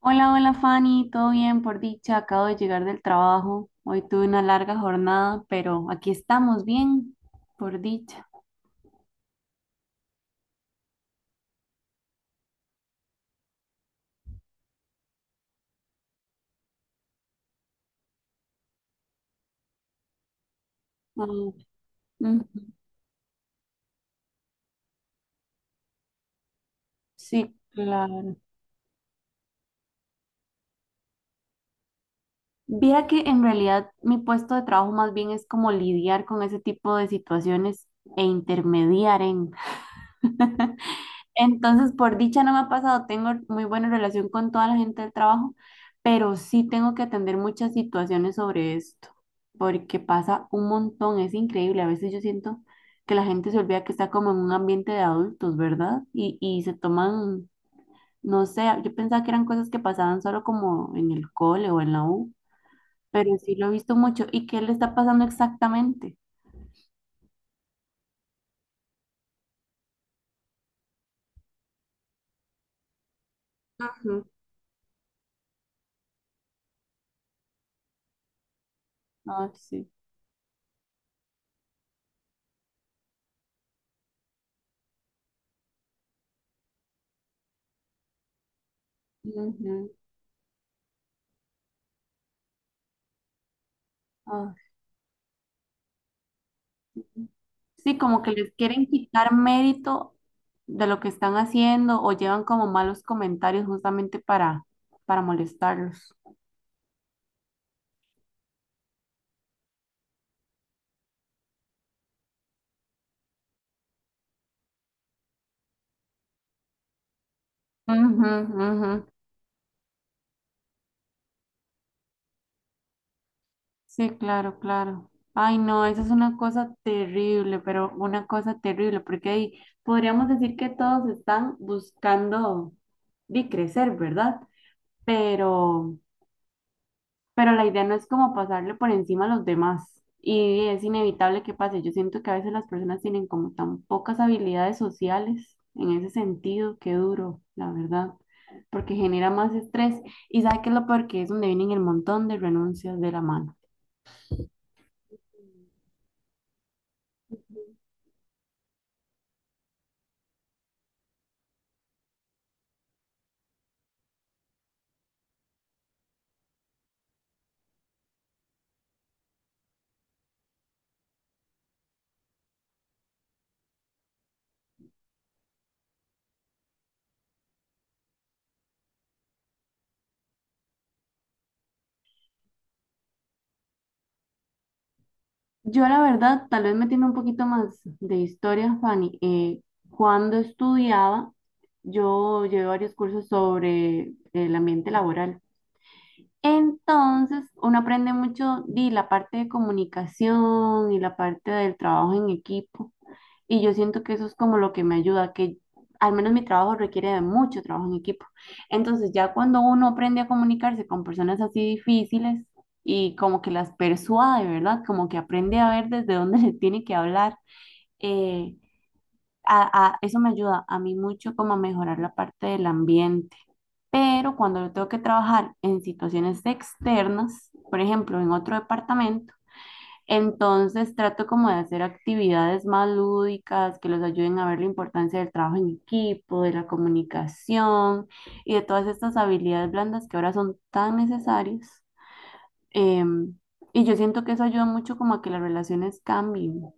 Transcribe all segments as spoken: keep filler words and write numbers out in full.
Hola, hola Fanny, todo bien por dicha, acabo de llegar del trabajo. Hoy tuve una larga jornada, pero aquí estamos bien, por dicha. Mm, mm. Sí, claro. Viera que en realidad mi puesto de trabajo más bien es como lidiar con ese tipo de situaciones e intermediar en. Entonces, por dicha no me ha pasado, tengo muy buena relación con toda la gente del trabajo, pero sí tengo que atender muchas situaciones sobre esto, porque pasa un montón, es increíble. A veces yo siento que la gente se olvida que está como en un ambiente de adultos, ¿verdad? Y, y se toman, no sé, yo pensaba que eran cosas que pasaban solo como en el cole o en la U, pero sí lo he visto mucho. ¿Y qué le está pasando exactamente? Ujú. Ah, sí. Ujú. Ay, sí, como que les quieren quitar mérito de lo que están haciendo o llevan como malos comentarios justamente para, para molestarlos. Ujú, ujú. Sí, claro, claro. Ay, no, eso es una cosa terrible, pero una cosa terrible, porque ahí podríamos decir que todos están buscando de crecer, ¿verdad? Pero Pero la idea no es como pasarle por encima a los demás. Y es inevitable que pase. Yo siento que a veces las personas tienen como tan pocas habilidades sociales en ese sentido, qué duro, la verdad, porque genera más estrés. Y sabe que es lo peor que es donde vienen el montón de renuncias de la mano. Yo la verdad, tal vez metiendo un poquito más de historia, Fanny, eh, cuando estudiaba, yo llevé varios cursos sobre el ambiente laboral. Entonces, uno aprende mucho de la parte de comunicación y la parte del trabajo en equipo. Y yo siento que eso es como lo que me ayuda, que al menos mi trabajo requiere de mucho trabajo en equipo. Entonces, ya cuando uno aprende a comunicarse con personas así difíciles y como que las persuade, ¿verdad? Como que aprende a ver desde dónde les tiene que hablar. eh, a- a- Eso me ayuda a mí mucho como a mejorar la parte del ambiente. Pero cuando yo tengo que trabajar en situaciones externas, por ejemplo, en otro departamento, entonces trato como de hacer actividades más lúdicas que los ayuden a ver la importancia del trabajo en equipo, de la comunicación y de todas estas habilidades blandas que ahora son tan necesarias. Em, y yo siento que eso ayuda mucho como a que las relaciones cambien.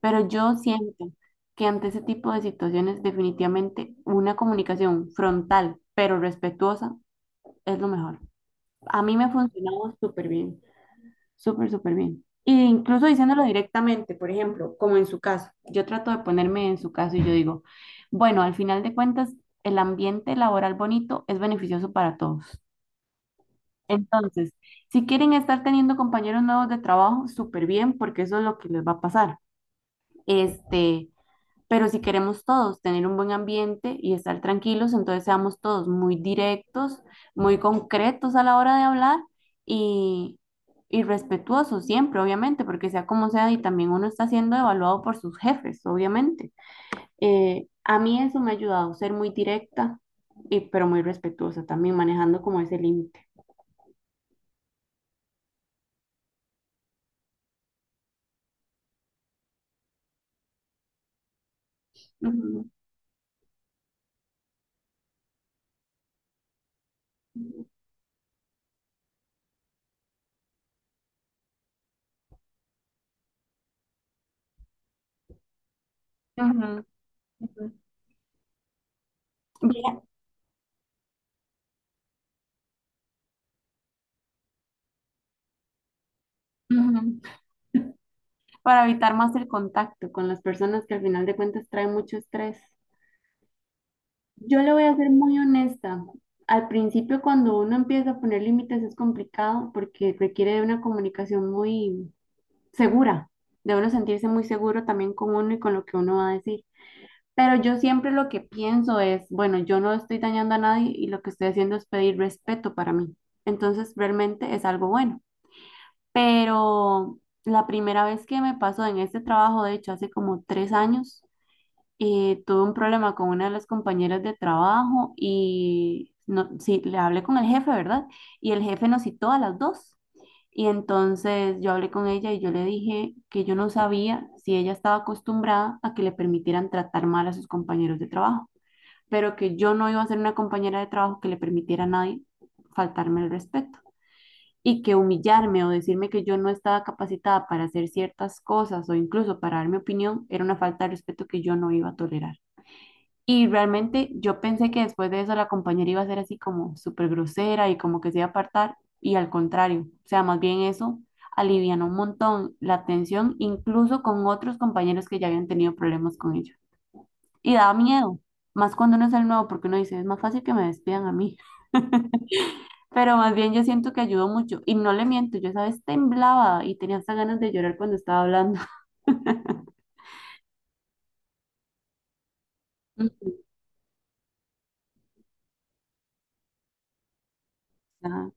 Pero yo siento que ante ese tipo de situaciones definitivamente una comunicación frontal pero respetuosa es lo mejor. A mí me funcionaba súper bien, súper, súper bien. E incluso diciéndolo directamente, por ejemplo, como en su caso, yo trato de ponerme en su caso y yo digo, bueno, al final de cuentas, el ambiente laboral bonito es beneficioso para todos. Entonces, si quieren estar teniendo compañeros nuevos de trabajo, súper bien, porque eso es lo que les va a pasar. Este, pero si queremos todos tener un buen ambiente y estar tranquilos, entonces seamos todos muy directos, muy concretos a la hora de hablar y, y respetuosos siempre, obviamente, porque sea como sea, y también uno está siendo evaluado por sus jefes, obviamente. Eh, a mí eso me ha ayudado ser muy directa, y, pero muy respetuosa también, manejando como ese límite. Ujú, ujú, ujú. Mira, ujú. Para evitar más el contacto con las personas que al final de cuentas traen mucho estrés. Yo le voy a ser muy honesta. Al principio, cuando uno empieza a poner límites, es complicado porque requiere de una comunicación muy segura, de uno sentirse muy seguro también con uno y con lo que uno va a decir. Pero yo siempre lo que pienso es, bueno, yo no estoy dañando a nadie y lo que estoy haciendo es pedir respeto para mí. Entonces, realmente es algo bueno. Pero la primera vez que me pasó en este trabajo, de hecho, hace como tres años, eh, tuve un problema con una de las compañeras de trabajo y no, sí, le hablé con el jefe, ¿verdad? Y el jefe nos citó a las dos. Y entonces yo hablé con ella y yo le dije que yo no sabía si ella estaba acostumbrada a que le permitieran tratar mal a sus compañeros de trabajo, pero que yo no iba a ser una compañera de trabajo que le permitiera a nadie faltarme el respeto. Y que humillarme o decirme que yo no estaba capacitada para hacer ciertas cosas o incluso para dar mi opinión era una falta de respeto que yo no iba a tolerar. Y realmente yo pensé que después de eso la compañera iba a ser así como súper grosera y como que se iba a apartar y al contrario, o sea, más bien eso alivianó un montón la tensión incluso con otros compañeros que ya habían tenido problemas con ellos. Y daba miedo, más cuando uno es el nuevo porque uno dice, es más fácil que me despidan a mí. Pero más bien yo siento que ayudó mucho y no le miento, yo esa vez temblaba y tenía hasta ganas de llorar cuando estaba hablando. Ujú, ajá,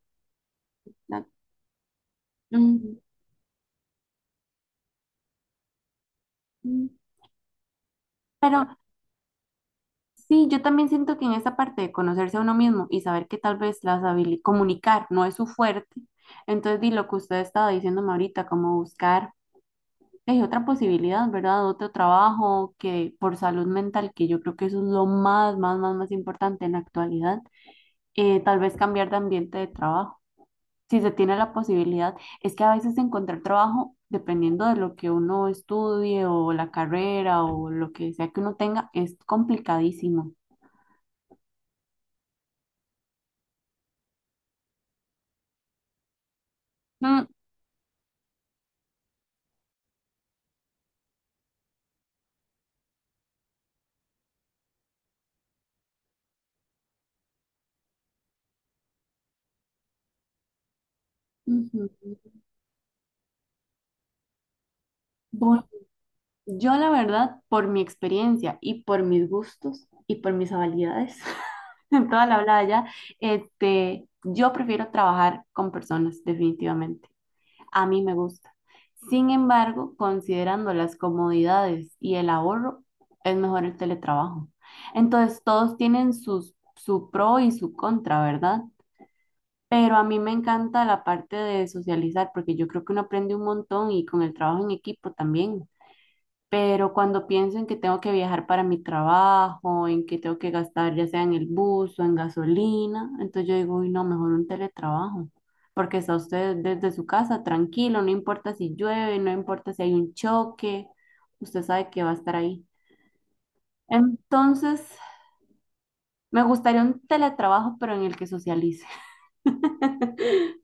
exacto. Ujú, ujú. Pero Sí, yo también siento que en esa parte de conocerse a uno mismo y saber que tal vez las habili- comunicar no es su fuerte, entonces di lo que usted estaba diciéndome ahorita, como buscar eh, otra posibilidad, ¿verdad? Otro trabajo que por salud mental, que yo creo que eso es lo más, más, más, más importante en la actualidad, eh, tal vez cambiar de ambiente de trabajo, si se tiene la posibilidad. Es que a veces encontrar trabajo, dependiendo de lo que uno estudie o la carrera o lo que sea que uno tenga, es complicadísimo. Ujú. Bueno, yo la verdad, por mi experiencia y por mis gustos y por mis habilidades, en toda la hablada ya, este, yo prefiero trabajar con personas, definitivamente. A mí me gusta. Sin embargo, considerando las comodidades y el ahorro, es mejor el teletrabajo. Entonces, todos tienen sus, su pro y su contra, ¿verdad? Pero a mí me encanta la parte de socializar, porque yo creo que uno aprende un montón y con el trabajo en equipo también. Pero cuando pienso en que tengo que viajar para mi trabajo, en que tengo que gastar ya sea en el bus o en gasolina, entonces yo digo, uy, no, mejor un teletrabajo, porque está usted desde su casa tranquilo, no importa si llueve, no importa si hay un choque, usted sabe que va a estar ahí. Entonces, me gustaría un teletrabajo, pero en el que socialice.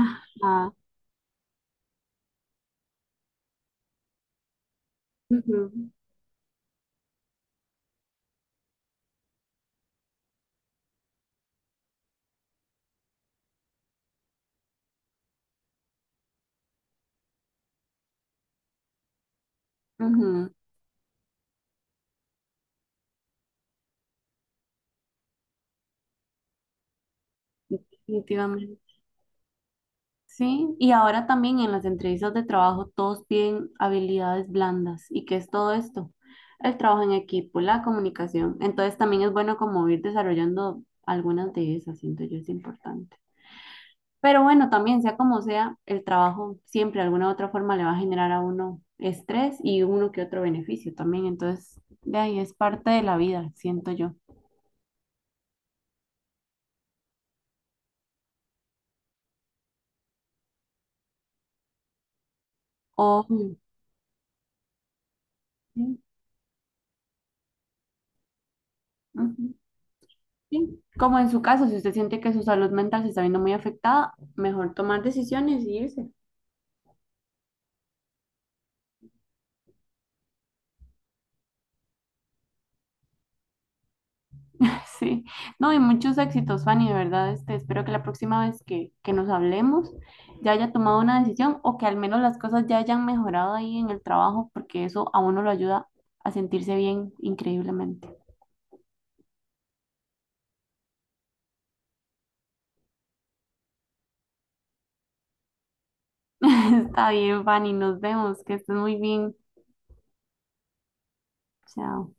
Ajá. Ujú, ujú. Definitivamente. Sí, y ahora también en las entrevistas de trabajo todos piden habilidades blandas. ¿Y qué es todo esto? El trabajo en equipo, la comunicación. Entonces también es bueno como ir desarrollando algunas de esas, siento yo, es importante. Pero bueno, también sea como sea, el trabajo siempre de alguna u otra forma le va a generar a uno estrés y uno que otro beneficio también. Entonces, de ahí es parte de la vida, siento yo. O, sí, ujú. Sí, como en su caso, si usted siente que su salud mental se está viendo muy afectada, mejor tomar decisiones y irse. Sí, no, y muchos éxitos, Fanny, de verdad, este, espero que la próxima vez que, que nos hablemos ya haya tomado una decisión o que al menos las cosas ya hayan mejorado ahí en el trabajo, porque eso a uno lo ayuda a sentirse bien increíblemente. Está bien, Fanny, nos vemos, que estés muy bien. Chao.